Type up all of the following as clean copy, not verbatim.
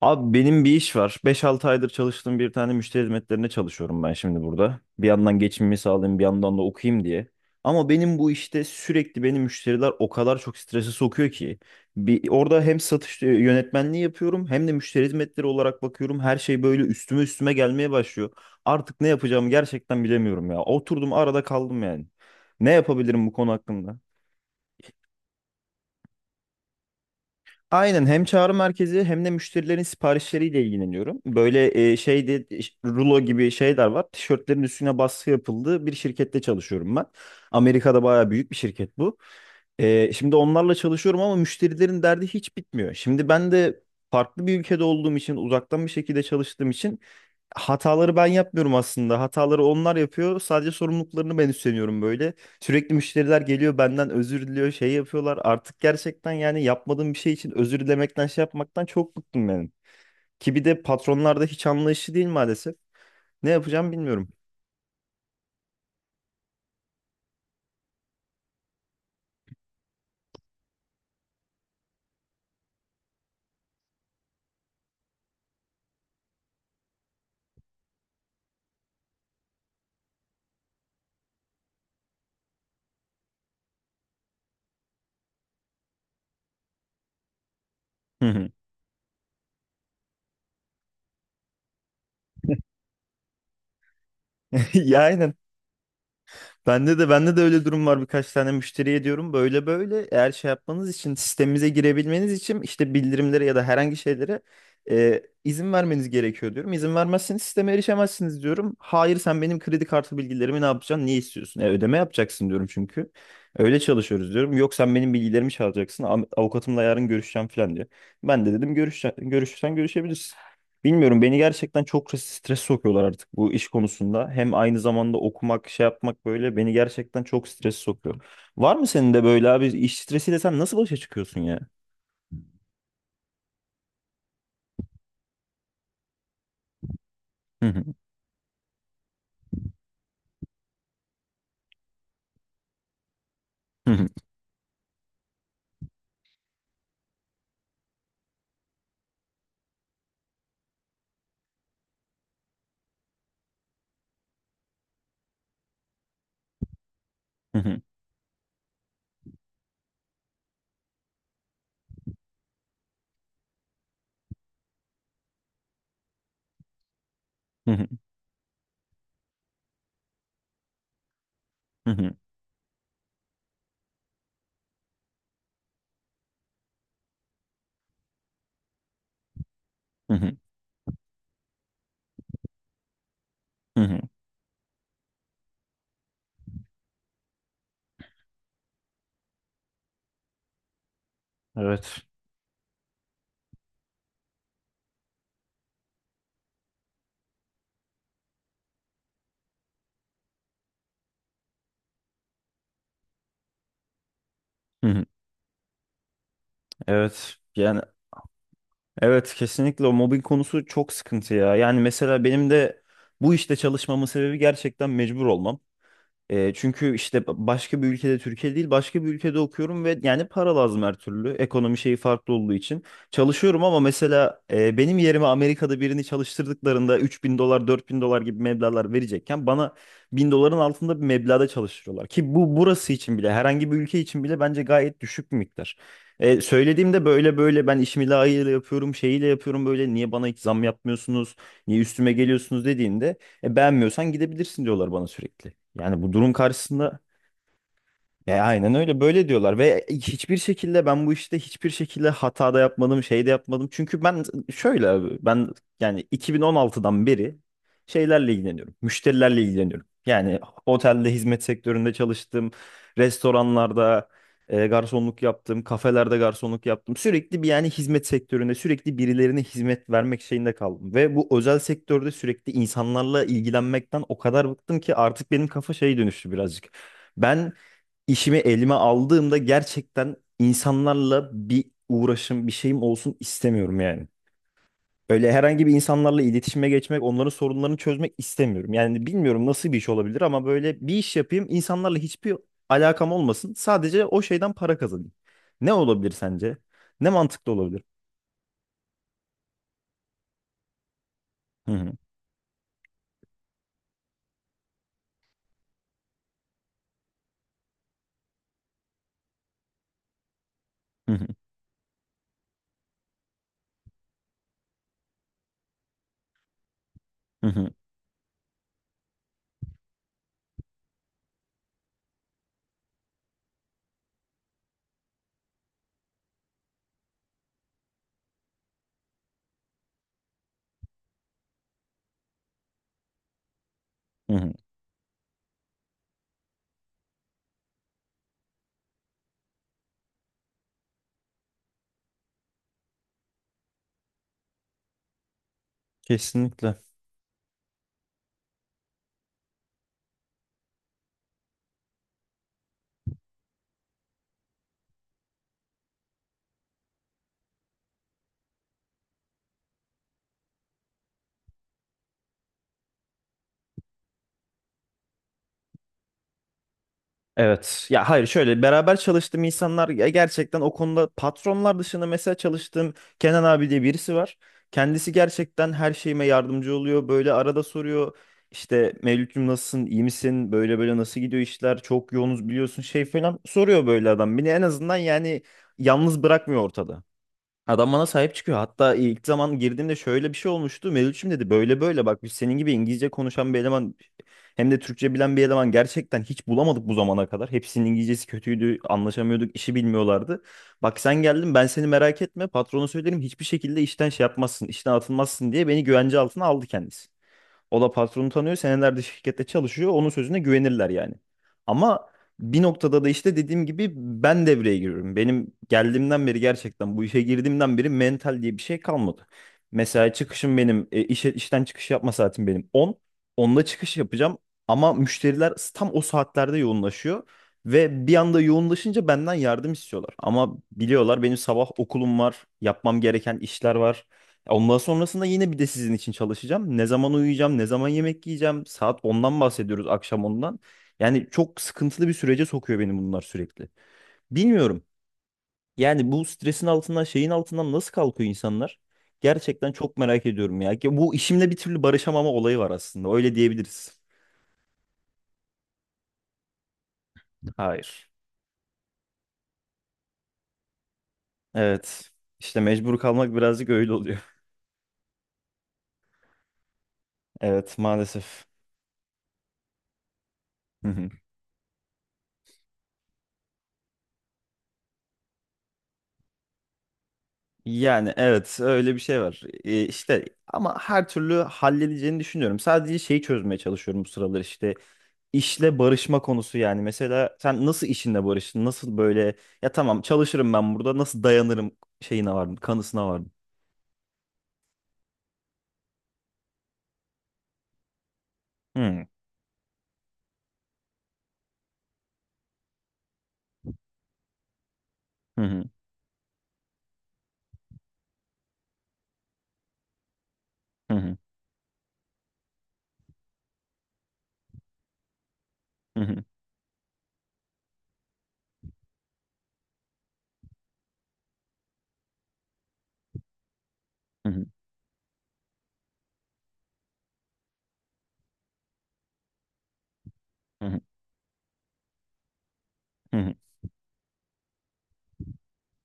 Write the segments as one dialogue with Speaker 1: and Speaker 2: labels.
Speaker 1: Abi benim bir iş var. Beş altı aydır çalıştığım bir tane müşteri hizmetlerine çalışıyorum ben şimdi burada. Bir yandan geçimimi sağlayayım, bir yandan da okuyayım diye. Ama benim bu işte sürekli beni müşteriler o kadar çok strese sokuyor ki. Bir, orada hem satış yönetmenliği yapıyorum hem de müşteri hizmetleri olarak bakıyorum. Her şey böyle üstüme üstüme gelmeye başlıyor. Artık ne yapacağımı gerçekten bilemiyorum ya. Oturdum arada kaldım yani. Ne yapabilirim bu konu hakkında? Aynen hem çağrı merkezi hem de müşterilerin siparişleriyle ilgileniyorum. Böyle şeyde rulo gibi şeyler var. Tişörtlerin üstüne baskı yapıldığı bir şirkette çalışıyorum ben. Amerika'da bayağı büyük bir şirket bu. Şimdi onlarla çalışıyorum ama müşterilerin derdi hiç bitmiyor. Şimdi ben de farklı bir ülkede olduğum için uzaktan bir şekilde çalıştığım için hataları ben yapmıyorum aslında. Hataları onlar yapıyor. Sadece sorumluluklarını ben üstleniyorum böyle. Sürekli müşteriler geliyor benden özür diliyor şey yapıyorlar. Artık gerçekten yani yapmadığım bir şey için özür dilemekten şey yapmaktan çok bıktım benim. Ki bir de patronlarda hiç anlayışı değil maalesef. Ne yapacağım bilmiyorum. Hı hı. Ya aynen. Bende de öyle durum var, birkaç tane müşteriye diyorum böyle böyle eğer şey yapmanız için sistemimize girebilmeniz için işte bildirimlere ya da herhangi şeylere izin vermeniz gerekiyor diyorum. İzin vermezseniz sisteme erişemezsiniz diyorum. Hayır, sen benim kredi kartı bilgilerimi ne yapacaksın? Niye istiyorsun? Ödeme yapacaksın diyorum çünkü. Öyle çalışıyoruz diyorum. Yok sen benim bilgilerimi çalacaksın. Avukatımla yarın görüşeceğim falan diyor. Ben de dedim görüşsen, görüşürsen görüşebilirsin. Bilmiyorum, beni gerçekten çok stres sokuyorlar artık bu iş konusunda. Hem aynı zamanda okumak, şey yapmak böyle beni gerçekten çok stres sokuyor. Var mı senin de böyle abi, iş stresiyle sen nasıl başa çıkıyorsun ya? Hı hı, hı hı, hı hı, hı. Hı, hı hı, hı hı, hı. Evet. Hı hı. Evet. Yani evet, kesinlikle o mobbing konusu çok sıkıntı ya. Yani mesela benim de bu işte çalışmamın sebebi gerçekten mecbur olmam. Çünkü işte başka bir ülkede, Türkiye değil başka bir ülkede okuyorum ve yani para lazım her türlü. Ekonomi şeyi farklı olduğu için. Çalışıyorum ama mesela benim yerime Amerika'da birini çalıştırdıklarında 3.000 dolar 4.000 dolar gibi meblağlar verecekken bana 1.000 doların altında bir meblağda çalıştırıyorlar. Ki bu burası için bile, herhangi bir ülke için bile bence gayet düşük bir miktar. Söylediğimde böyle böyle, ben işimi layığıyla yapıyorum şeyiyle yapıyorum, böyle niye bana hiç zam yapmıyorsunuz, niye üstüme geliyorsunuz dediğinde beğenmiyorsan gidebilirsin diyorlar bana sürekli. Yani bu durum karşısında aynen öyle böyle diyorlar ve hiçbir şekilde ben bu işte hiçbir şekilde hata da yapmadım şey de yapmadım. Çünkü ben şöyle abi, ben yani 2016'dan beri şeylerle ilgileniyorum. Müşterilerle ilgileniyorum. Yani otelde hizmet sektöründe çalıştım. Restoranlarda garsonluk yaptım. Kafelerde garsonluk yaptım. Sürekli bir yani hizmet sektöründe sürekli birilerine hizmet vermek şeyinde kaldım. Ve bu özel sektörde sürekli insanlarla ilgilenmekten o kadar bıktım ki artık benim kafa şey dönüştü birazcık. Ben işimi elime aldığımda gerçekten insanlarla bir uğraşım, bir şeyim olsun istemiyorum yani. Öyle herhangi bir insanlarla iletişime geçmek, onların sorunlarını çözmek istemiyorum. Yani bilmiyorum nasıl bir iş olabilir ama böyle bir iş yapayım, insanlarla hiçbir alakam olmasın. Sadece o şeyden para kazanayım. Ne olabilir sence? Ne mantıklı olabilir? Hı hı, hı hı, hı hı, hı hı. Kesinlikle. Evet. Ya hayır, şöyle beraber çalıştığım insanlar, ya gerçekten o konuda patronlar dışında mesela çalıştığım Kenan abi diye birisi var. Kendisi gerçekten her şeyime yardımcı oluyor. Böyle arada soruyor işte Mevlüt'cüm nasılsın, iyi misin, böyle böyle nasıl gidiyor işler, çok yoğunuz biliyorsun şey falan, soruyor böyle adam. Beni en azından yani yalnız bırakmıyor ortada. Adam bana sahip çıkıyor. Hatta ilk zaman girdiğimde şöyle bir şey olmuştu. Mevlütçüm dedi, böyle böyle bak, biz senin gibi İngilizce konuşan bir eleman, hem de Türkçe bilen bir eleman gerçekten hiç bulamadık bu zamana kadar. Hepsinin İngilizcesi kötüydü, anlaşamıyorduk, işi bilmiyorlardı. Bak sen geldin, ben seni merak etme, patrona söylerim, hiçbir şekilde işten şey yapmazsın, işten atılmazsın diye beni güvence altına aldı kendisi. O da patronu tanıyor. Senelerde şirkette çalışıyor. Onun sözüne güvenirler yani. Ama bir noktada da işte dediğim gibi ben devreye giriyorum. Benim geldiğimden beri, gerçekten bu işe girdiğimden beri mental diye bir şey kalmadı. Mesela çıkışım benim işten çıkış yapma saatim benim 10. Onda çıkış yapacağım ama müşteriler tam o saatlerde yoğunlaşıyor. Ve bir anda yoğunlaşınca benden yardım istiyorlar. Ama biliyorlar benim sabah okulum var, yapmam gereken işler var. Ondan sonrasında yine bir de sizin için çalışacağım. Ne zaman uyuyacağım, ne zaman yemek yiyeceğim. Saat ondan bahsediyoruz, akşam ondan. Yani çok sıkıntılı bir sürece sokuyor beni bunlar sürekli. Bilmiyorum. Yani bu stresin altından, şeyin altından nasıl kalkıyor insanlar? Gerçekten çok merak ediyorum ya. Ki bu işimle bir türlü barışamama olayı var aslında. Öyle diyebiliriz. Hayır. Evet. İşte mecbur kalmak birazcık öyle oluyor. Evet, maalesef. Yani evet, öyle bir şey var. İşte ama her türlü halledeceğini düşünüyorum. Sadece şeyi çözmeye çalışıyorum bu sıralar, işte işle barışma konusu yani. Mesela sen nasıl işinle barıştın? Nasıl böyle ya tamam çalışırım ben burada nasıl dayanırım şeyine vardım, kanısına vardım. Hı hı, hı hı, hı hı, hı hı, hı hı, hı hı.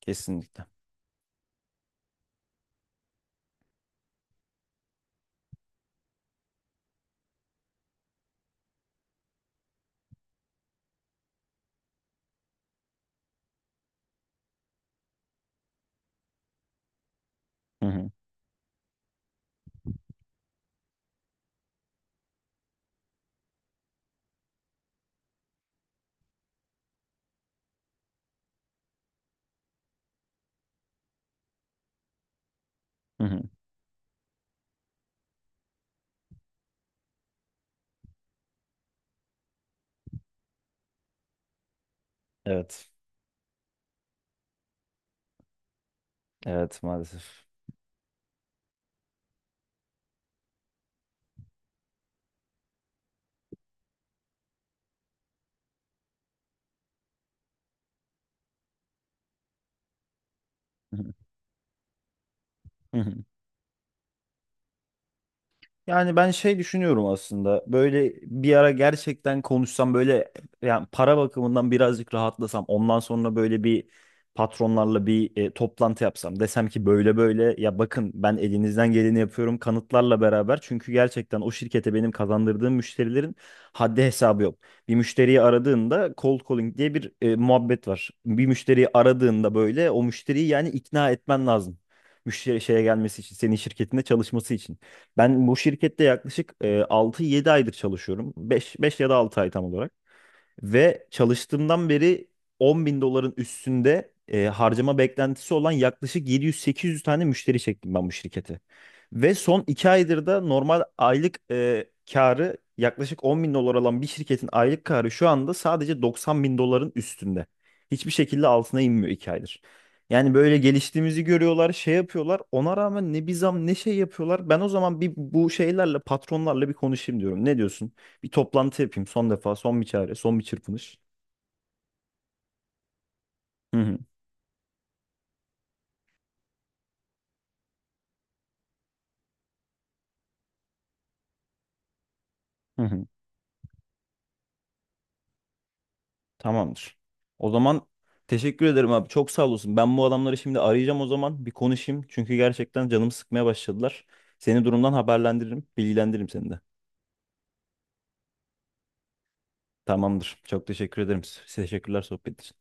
Speaker 1: Kesinlikle. Hı hı, hı hı. Evet. Evet, maalesef. Hı hı, hı hı. Yani ben şey düşünüyorum aslında. Böyle bir ara gerçekten konuşsam, böyle yani para bakımından birazcık rahatlasam. Ondan sonra böyle bir, patronlarla bir toplantı yapsam. Desem ki böyle böyle ya bakın ben elinizden geleni yapıyorum, kanıtlarla beraber. Çünkü gerçekten o şirkete benim kazandırdığım müşterilerin haddi hesabı yok. Bir müşteriyi aradığında cold calling diye bir muhabbet var. Bir müşteriyi aradığında böyle o müşteriyi yani ikna etmen lazım. Müşteri şeye gelmesi için, senin şirketinde çalışması için. Ben bu şirkette yaklaşık 6-7 aydır çalışıyorum. Beş ya da 6 ay tam olarak. Ve çalıştığımdan beri 10 bin doların üstünde harcama beklentisi olan yaklaşık 700-800 tane müşteri çektim ben bu şirkete. Ve son iki aydır da normal aylık karı yaklaşık 10 bin dolar olan bir şirketin aylık karı şu anda sadece 90 bin doların üstünde. Hiçbir şekilde altına inmiyor iki aydır. Yani böyle geliştiğimizi görüyorlar, şey yapıyorlar. Ona rağmen ne bir zam ne şey yapıyorlar. Ben o zaman bir bu şeylerle, patronlarla bir konuşayım diyorum. Ne diyorsun? Bir toplantı yapayım son defa, son bir çare, son bir çırpınış. Hı hı. Hı hı. Tamamdır. O zaman teşekkür ederim abi. Çok sağ olasın. Ben bu adamları şimdi arayacağım o zaman. Bir konuşayım. Çünkü gerçekten canımı sıkmaya başladılar. Seni durumdan haberlendiririm. Bilgilendiririm seni de. Tamamdır. Çok teşekkür ederim. Teşekkürler sohbet için.